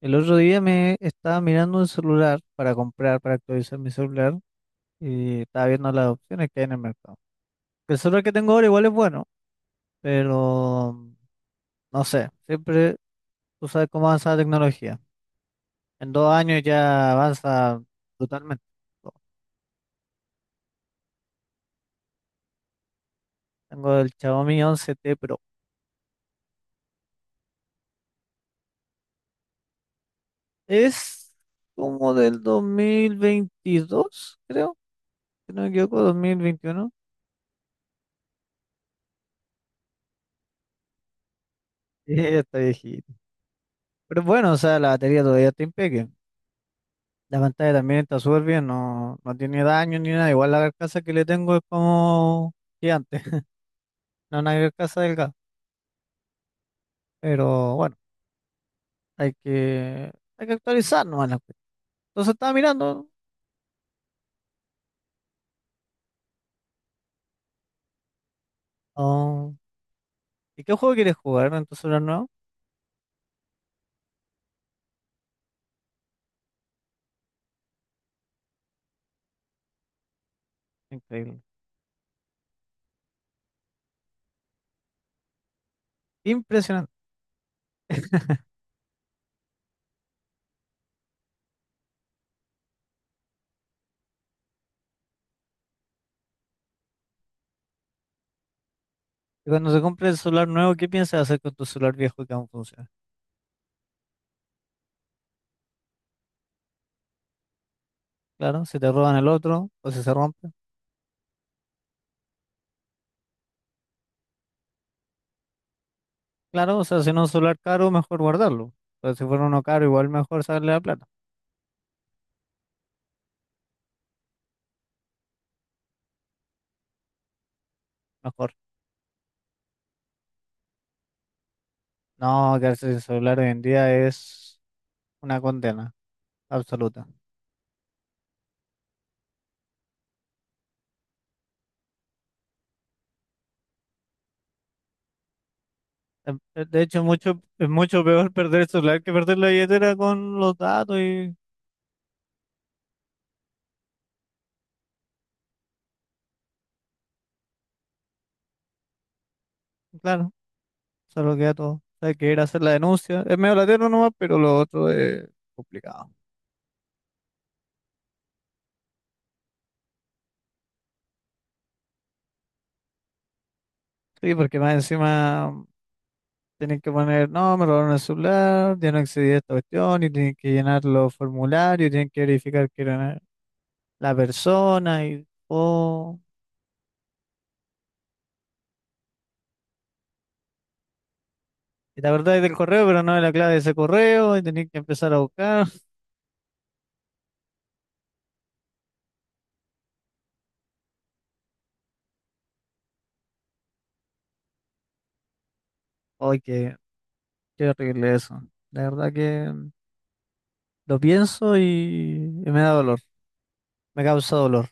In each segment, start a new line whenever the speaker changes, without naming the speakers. El otro día me estaba mirando un celular para comprar, para actualizar mi celular y estaba viendo las opciones que hay en el mercado. El celular que tengo ahora igual es bueno, pero no sé, siempre tú sabes cómo avanza la tecnología. En dos años ya avanza brutalmente. Tengo el Xiaomi 11T Pro. Es como del 2022, creo, si no me equivoco, 2021. Ya está viejito. Pero bueno, o sea, la batería todavía está impecable. La pantalla también está súper bien, no, no tiene daño ni nada. Igual la carcasa que le tengo es como gigante, no una carcasa delgada. Pero bueno, hay que actualizar nomás la cuestión. Entonces estaba mirando. Oh, ¿y qué juego quieres jugar en tu celular nuevo? Increíble. Impresionante. Y cuando se compre el celular nuevo, ¿qué piensas hacer con tu celular viejo que aún funciona? Claro, si te roban el otro o si se rompe. Claro, o sea, si no es un celular caro, mejor guardarlo. Pero si fuera uno caro, igual mejor sacarle la plata. Mejor. No, quedarse sin celular hoy en día es una condena absoluta. De hecho, mucho, es mucho peor perder el celular que perder la billetera con los datos y, claro, se lo queda todo. Hay que ir a hacer la denuncia. Es medio latero nomás, pero lo otro es complicado. Sí, porque más encima tienen que poner, no, me robaron el celular, ya no accedí a esta cuestión, y tienen que llenar los formularios, tienen que verificar que era la persona, y, oh. Y te acordás del correo, pero no de la clave de ese correo, y tenés que empezar a buscar. Ay, qué, qué horrible eso. La verdad que lo pienso y me da dolor, me causa dolor.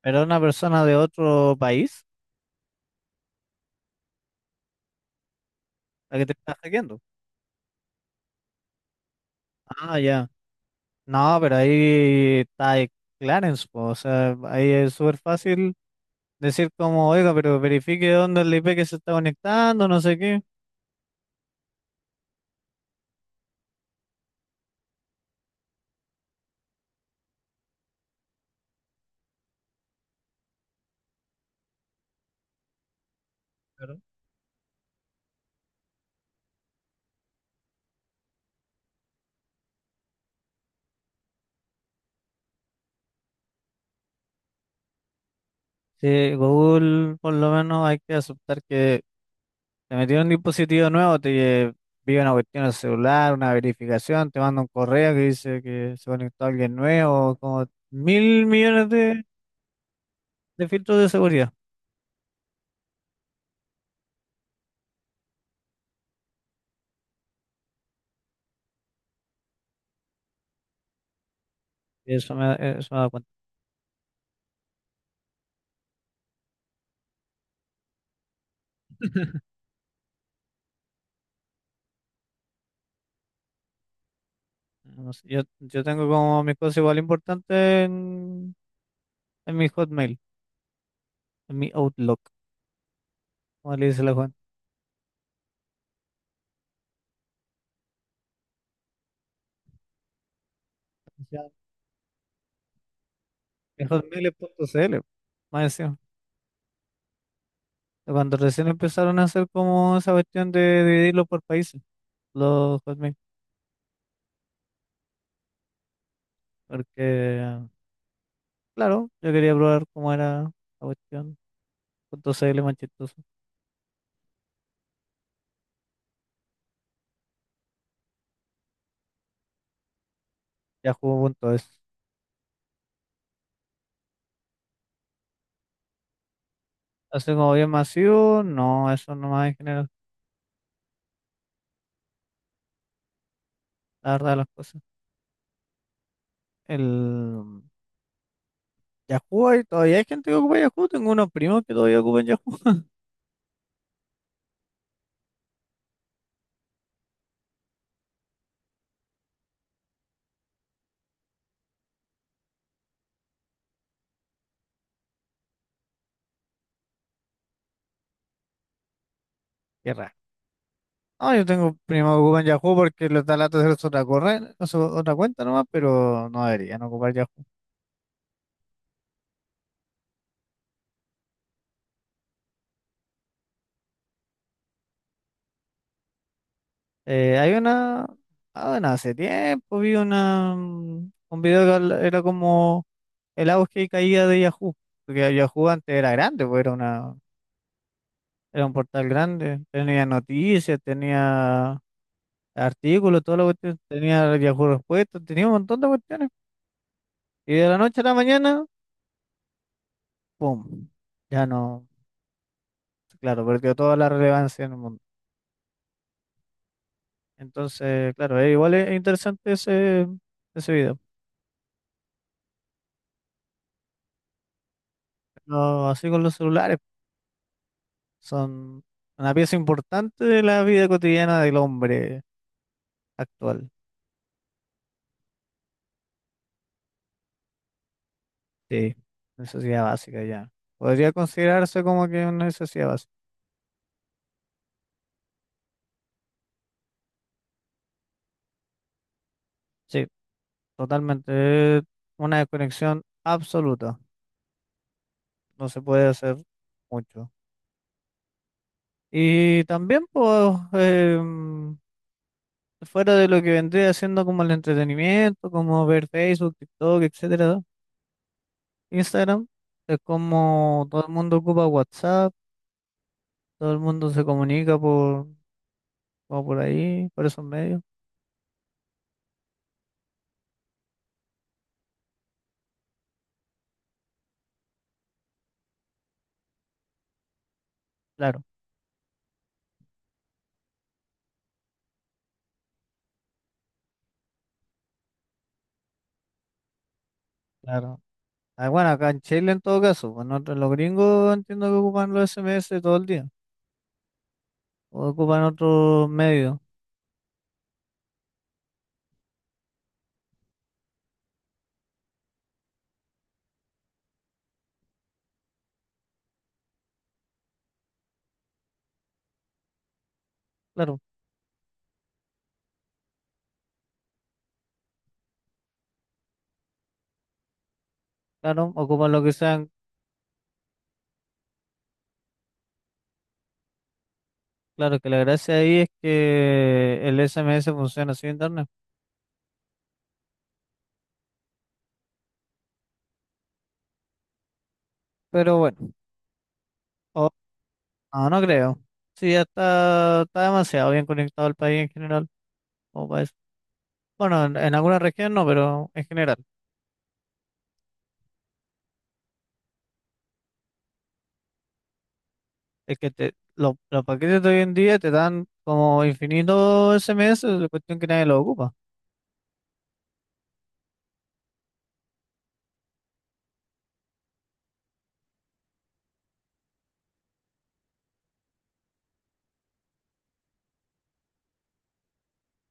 Pero una persona de otro país, la que te está hackeando. Ah, ya. No, pero ahí está el Clarence, po, o sea, ahí es súper fácil decir como, oiga, pero verifique dónde es el IP que se está conectando, no sé qué. Claro. Sí, Google, por lo menos hay que aceptar que te metieron un dispositivo nuevo, te envía una cuestión al celular, una verificación, te manda un correo que dice que se conectó alguien nuevo, como mil millones de filtros de seguridad. Y eso me da cuenta. No sé, yo tengo como mis cosas igual importantes en mi Hotmail, en mi Outlook, como le dice la gente. Mi Hotmail es punto CL, más encima. Cuando recién empezaron a hacer como esa cuestión de dividirlo por países, los Hotmail, porque claro, yo quería probar cómo era la cuestión. Punto C L más chistoso. Ya .cl manchistoso. Yahoo.es. Así como bien masivo, no, eso nomás en general, la verdad de las cosas. El Yahoo, todavía hay gente que ocupa Yahoo, tengo unos primos que todavía ocupan Yahoo. Qué raro. No, yo tengo primos que ocupan Yahoo porque les da lata hacer otra cuenta nomás, pero no deberían ocupar Yahoo. Eh, hay una, ah, bueno, hace tiempo vi un era como el auge y caída de Yahoo, porque Yahoo antes era grande, pues era un portal grande, tenía noticias, tenía artículos, todo lo cuestión, tenía Yahoo Respuestas, tenía un montón de cuestiones. Y de la noche a la mañana, ¡pum! Ya no, claro, perdió toda la relevancia en el mundo. Entonces, claro, es igual es interesante ese video. Pero así con los celulares, son una pieza importante de la vida cotidiana del hombre actual. Sí, necesidad básica ya. Podría considerarse como que una necesidad básica. Sí, totalmente. Una desconexión absoluta. No se puede hacer mucho. Y también, pues, fuera de lo que vendría haciendo como el entretenimiento, como ver Facebook, TikTok, etcétera, Instagram, es como todo el mundo ocupa WhatsApp, todo el mundo se comunica por, como por ahí, por esos medios. Claro. Claro. Ah, bueno, acá en Chile en todo caso, pues nosotros los gringos entiendo que ocupan los SMS todo el día, o ocupan otros medios, claro, claro, ocupan lo que sean, claro que la gracia ahí es que el SMS funciona sin internet, pero bueno, o- no, no creo, sí, ya está, está demasiado bien conectado el país en general, como para eso. Bueno, en alguna región no, pero en general, es que los paquetes de hoy en día te dan como infinito SMS, la cuestión que nadie lo ocupa.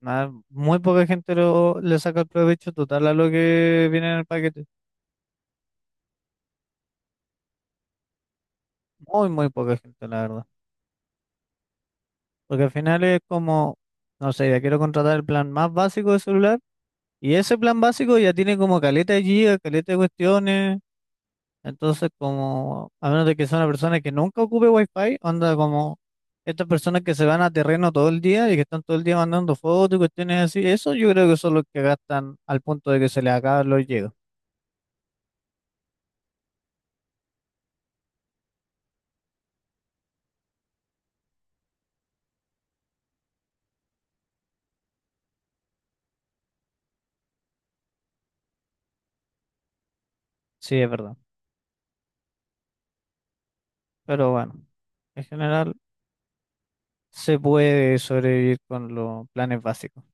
Nada, muy poca gente le saca el provecho total a lo que viene en el paquete. Muy, muy poca gente, la verdad. Porque al final es como, no sé, ya quiero contratar el plan más básico de celular y ese plan básico ya tiene como caleta de gigas, caleta de cuestiones. Entonces, como, a menos de que sea una persona que nunca ocupe wifi, onda como estas personas que se van a terreno todo el día y que están todo el día mandando fotos y cuestiones así, eso yo creo que son los que gastan al punto de que se les acaban los gigas. Sí, es verdad. Pero bueno. En general, se puede sobrevivir con los planes básicos.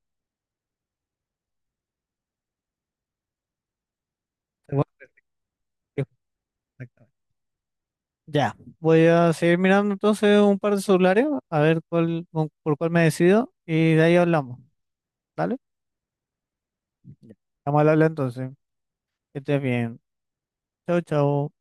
Se vuelve efectivo, exactamente. Ya, voy a seguir mirando entonces un par de celulares, a ver cuál, por cuál me decido y de ahí hablamos. ¿Vale? Ya. Vamos a hablar entonces. Que estés bien. Chao, chao.